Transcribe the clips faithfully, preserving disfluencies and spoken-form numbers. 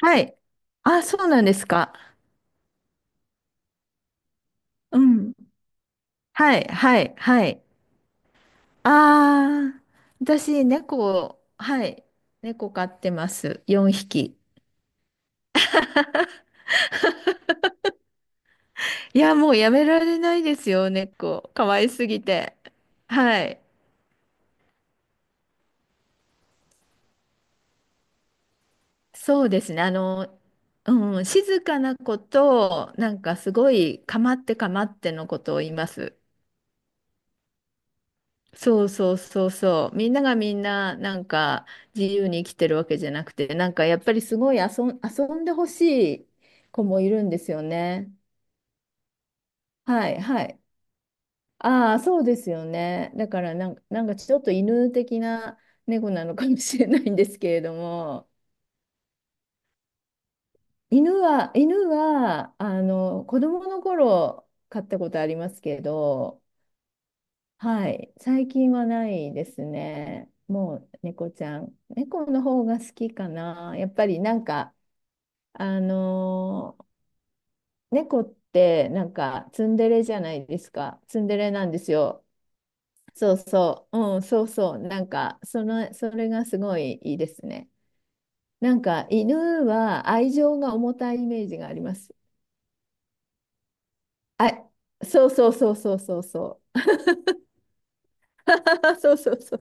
はい。あ、そうなんですか。うん。はい、はい、はい。ああ、私、猫、はい。猫飼ってます。よんひき。いや、もうやめられないですよ、猫。可愛すぎて。はい。そうですね。あの、うん、静かな子と、なんかすごい、かまってかまってのことを言います。そうそうそうそう。みんながみんな、なんか自由に生きてるわけじゃなくて、なんかやっぱりすごい遊ん、遊んでほしい子もいるんですよね。はいはい。ああ、そうですよね。だからなんか、なんかちょっと犬的な猫なのかもしれないんですけれども、犬は、犬は、あの、子供の頃飼ったことありますけど、はい、最近はないですね。もう猫ちゃん。猫の方が好きかな。やっぱりなんか、あのー猫ってなんかツンデレじゃないですか。ツンデレなんですよ。そうそう。うん、そうそう。なんか、その、それがすごいいいですね。なんか、犬は愛情が重たいイメージがあります。あ、そうそうそうそうそうそう。そうそうそうそう。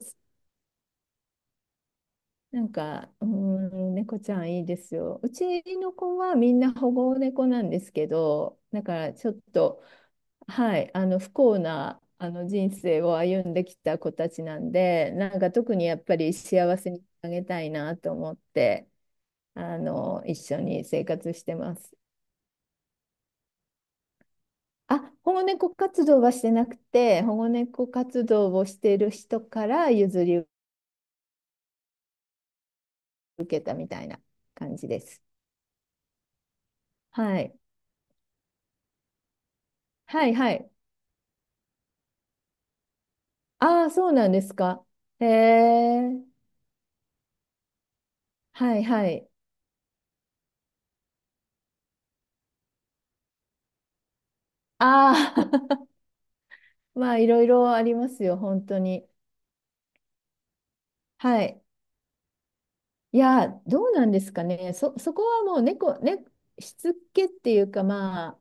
なんか、うーん、猫ちゃんいいですよ。うちの子はみんな保護猫なんですけど、だからちょっと、はい、あの不幸なあの人生を歩んできた子たちなんで、なんか特にやっぱり幸せにあげたいなと思って、あの一緒に生活してます。あ、保護猫活動はしてなくて、保護猫活動をしている人から譲り受ける感じです。はい。はいはい。ああ、そうなんですか。へえ。はいはい。ああ、まあいろいろありますよ、本当に。はい。いや、どうなんですかね。そ、そこはもう猫、ね、しつけっていうか、ま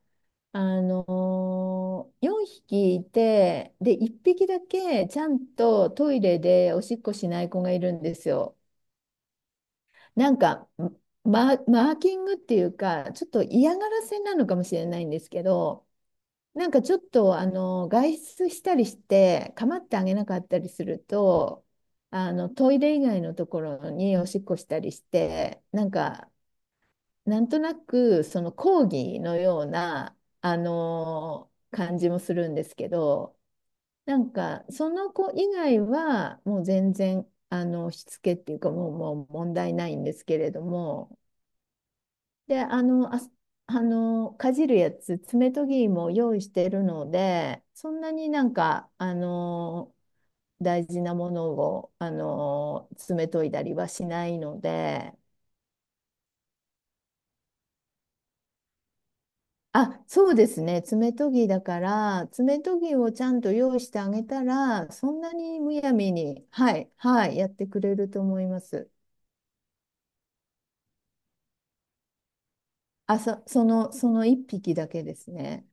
あ、あのー、よんひきいて、で、いっぴきだけちゃんとトイレでおしっこしない子がいるんですよ。なんか、マ、マーキングっていうか、ちょっと嫌がらせなのかもしれないんですけど、なんかちょっとあの外出したりして構ってあげなかったりするとあのトイレ以外のところにおしっこしたりして、なんか、なんとなくその抗議のようなあの感じもするんですけど、なんかその子以外はもう全然あのしつけっていうか、もう、もう問題ないんですけれども、で、あの、ああの、かじるやつ、爪研ぎも用意してるので、そんなになんか、あの、大事なものを、あの、爪研いだりはしないので、あ、そうですね、爪研ぎだから、爪研ぎをちゃんと用意してあげたら、そんなにむやみに、はい、はい、やってくれると思います。あ、そ、その、その一匹だけですね。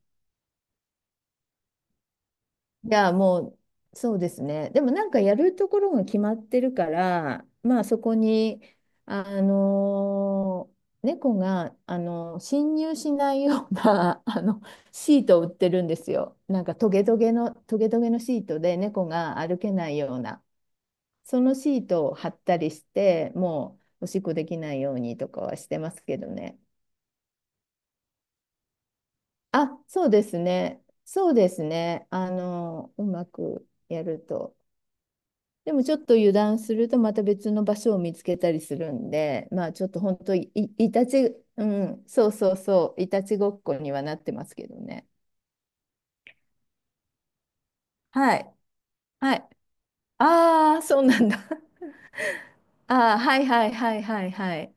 いや、もう、そうですね。でもなんかやるところが決まってるから、まあそこに、あのー猫が、あのー侵入しないような、あの、シートを売ってるんですよ。なんかトゲトゲの、トゲトゲのシートで猫が歩けないような、そのシートを貼ったりして、もうおしっこできないようにとかはしてますけどね。あ、そうですね。そうですね。あのーうまくやると。でもちょっと油断するとまた別の場所を見つけたりするんで、まあちょっと本当い、いたち、うん、そうそうそう、いたちごっこにはなってますけどね。はい、はい。ああ、そうなんだ。ああ、はいはいはいはいはい。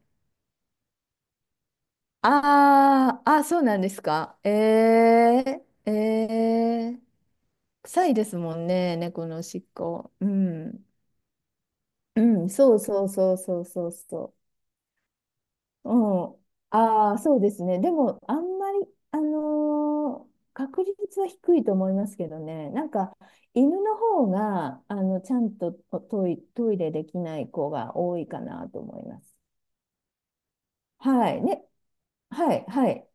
ああ、あそうなんですか。ええええ、臭いですもんね、猫のおしっこ。うん。うん、そうそうそうそうそうそう。うん。ああ、そうですね。でも、あんまり、あのー確率は低いと思いますけどね。なんか、犬の方が、あの、ちゃんとトイ、トイレできない子が多いかなと思います。はい。ね。はい、はい。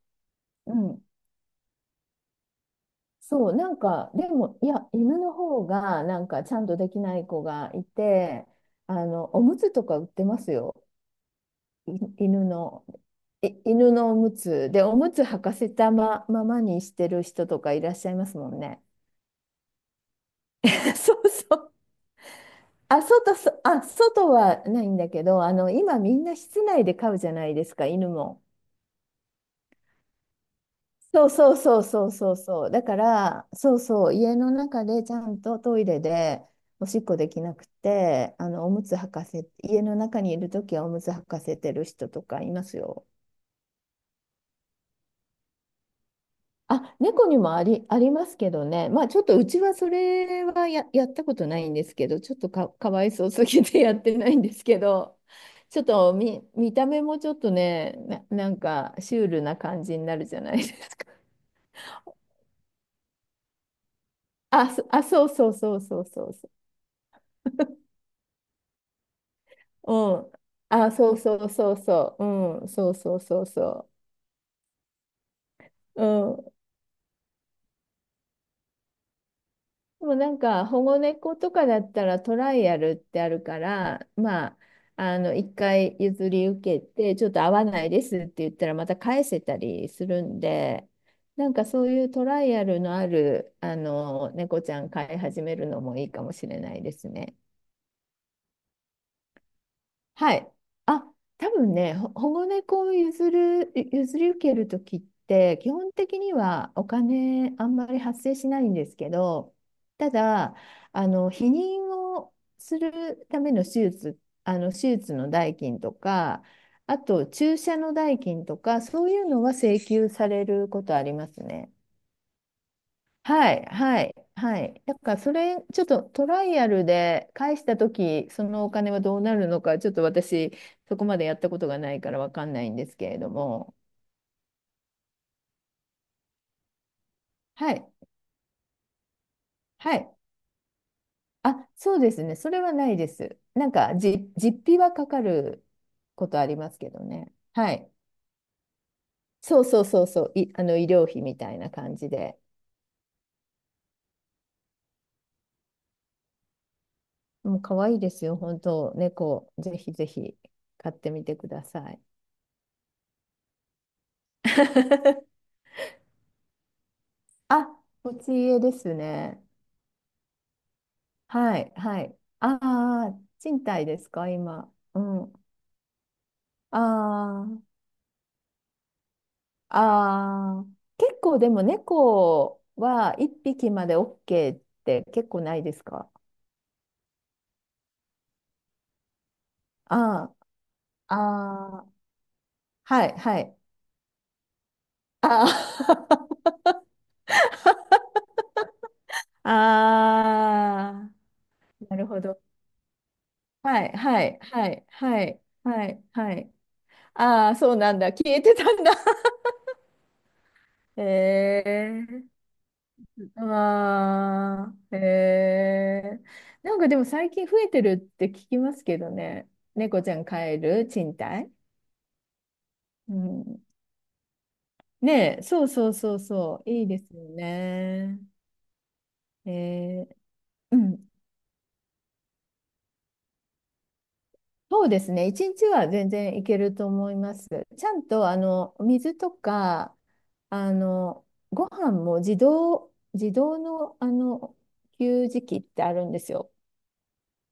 うん。そう、なんか、でも、いや、犬の方が、なんか、ちゃんとできない子がいて、あの、おむつとか売ってますよ。い犬の、い犬のおむつで、おむつ履かせたま、ままにしてる人とかいらっしゃいますもんね。そうそう。あ、外、そあ、外はないんだけど、あの、今みんな室内で飼うじゃないですか、犬も。そうそうそうそうそうそう。だから、そうそう、家の中でちゃんとトイレでおしっこできなくて、あの、おむつ履かせ、家の中にいるときはおむつ履かせてる人とかいますよ。あ、猫にもあり、ありますけどね。まあちょっとうちはそれはや、やったことないんですけど、ちょっとか、かわいそうすぎて やってないんですけど、ちょっと見、見た目もちょっとね、な、なんかシュールな感じになるじゃないですか。あ、そ、あ、そうそうそうそうそうそう。うん。あ、そうそうそうそう。うん。そうそうそうそう。うん。でもなんか保護猫とかだったらトライアルってあるから、まあ、あの一回譲り受けてちょっと合わないですって言ったらまた返せたりするんで、なんかそういうトライアルのあるあの猫ちゃん飼い始めるのもいいかもしれないですね。はい。あ、多分ね、ほ保護猫を譲る、譲り受けるときって、基本的にはお金あんまり発生しないんですけど、ただ、あの、避妊をするための手術、あの、手術の代金とか、あと注射の代金とか、そういうのは請求されることありますね。はい、はい、はい。だから、それ、ちょっとトライアルで返したとき、そのお金はどうなるのか、ちょっと私、そこまでやったことがないからわかんないんですけれども。はい、はい。あ、そうですね。それはないです。なんか、じ、実費はかかることありますけどね。はい。そうそうそうそう。い、あの、医療費みたいな感じで。もう、可愛いですよ。本当、猫、ぜひぜひ、買ってみてください。あ、持ち家ですね。はい、はい。ああ、賃貸ですか、今。うん。ああ、ああ、結構でも猫はいっぴきまで オーケー って結構ないですか？ああ、ああ、はい、はい。ああ、ああ、なるほど。はい、はい、はい、はい、はい、はい。ああ、そうなんだ。消えてたんだ。へえ。ああ、へえ。なんかでも最近増えてるって聞きますけどね。猫ちゃん飼える賃貸。うん。ねえ、そうそうそうそう。いいですよね。えー、うん。そうですね。一日は全然いけると思います。ちゃんと、あの、水とか、あの、ご飯も自動、自動の、あの、給餌器ってあるんですよ。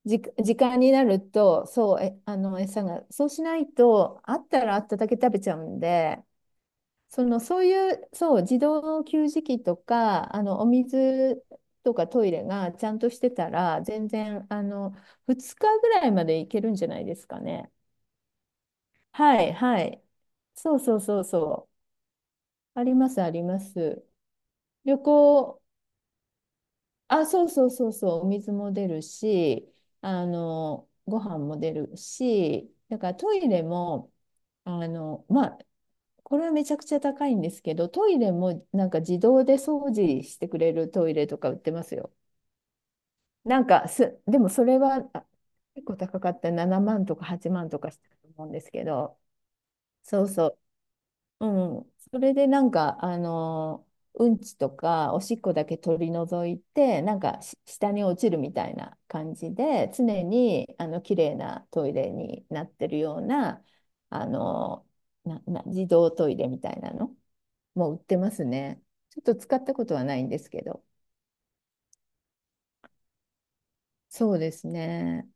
じ、時間になると、そう、え、あの、餌が、そうしないと、あったらあっただけ食べちゃうんで、その、そういう、そう、自動給餌器とか、あの、お水とかトイレがちゃんとしてたら、全然、あの、ふつかぐらいまでいけるんじゃないですかね。はい、はい。そうそうそうそう。あります、あります。旅行、あ、そうそうそうそう、お水も出るし、あの、ご飯も出るし、だからトイレも、あの、まあ、これはめちゃくちゃ高いんですけど、トイレもなんか自動で掃除してくれるトイレとか売ってますよ。なんかす、でもそれはあ結構高かった、ななまんとかはちまんとかしたと思うんですけど、そうそう、うん。それでなんか、あの、うんちとかおしっこだけ取り除いて、なんかし下に落ちるみたいな感じで、常にあの綺麗なトイレになってるような、あの、な、な、自動トイレみたいなのもう売ってますね。ちょっと使ったことはないんですけど。そうですね。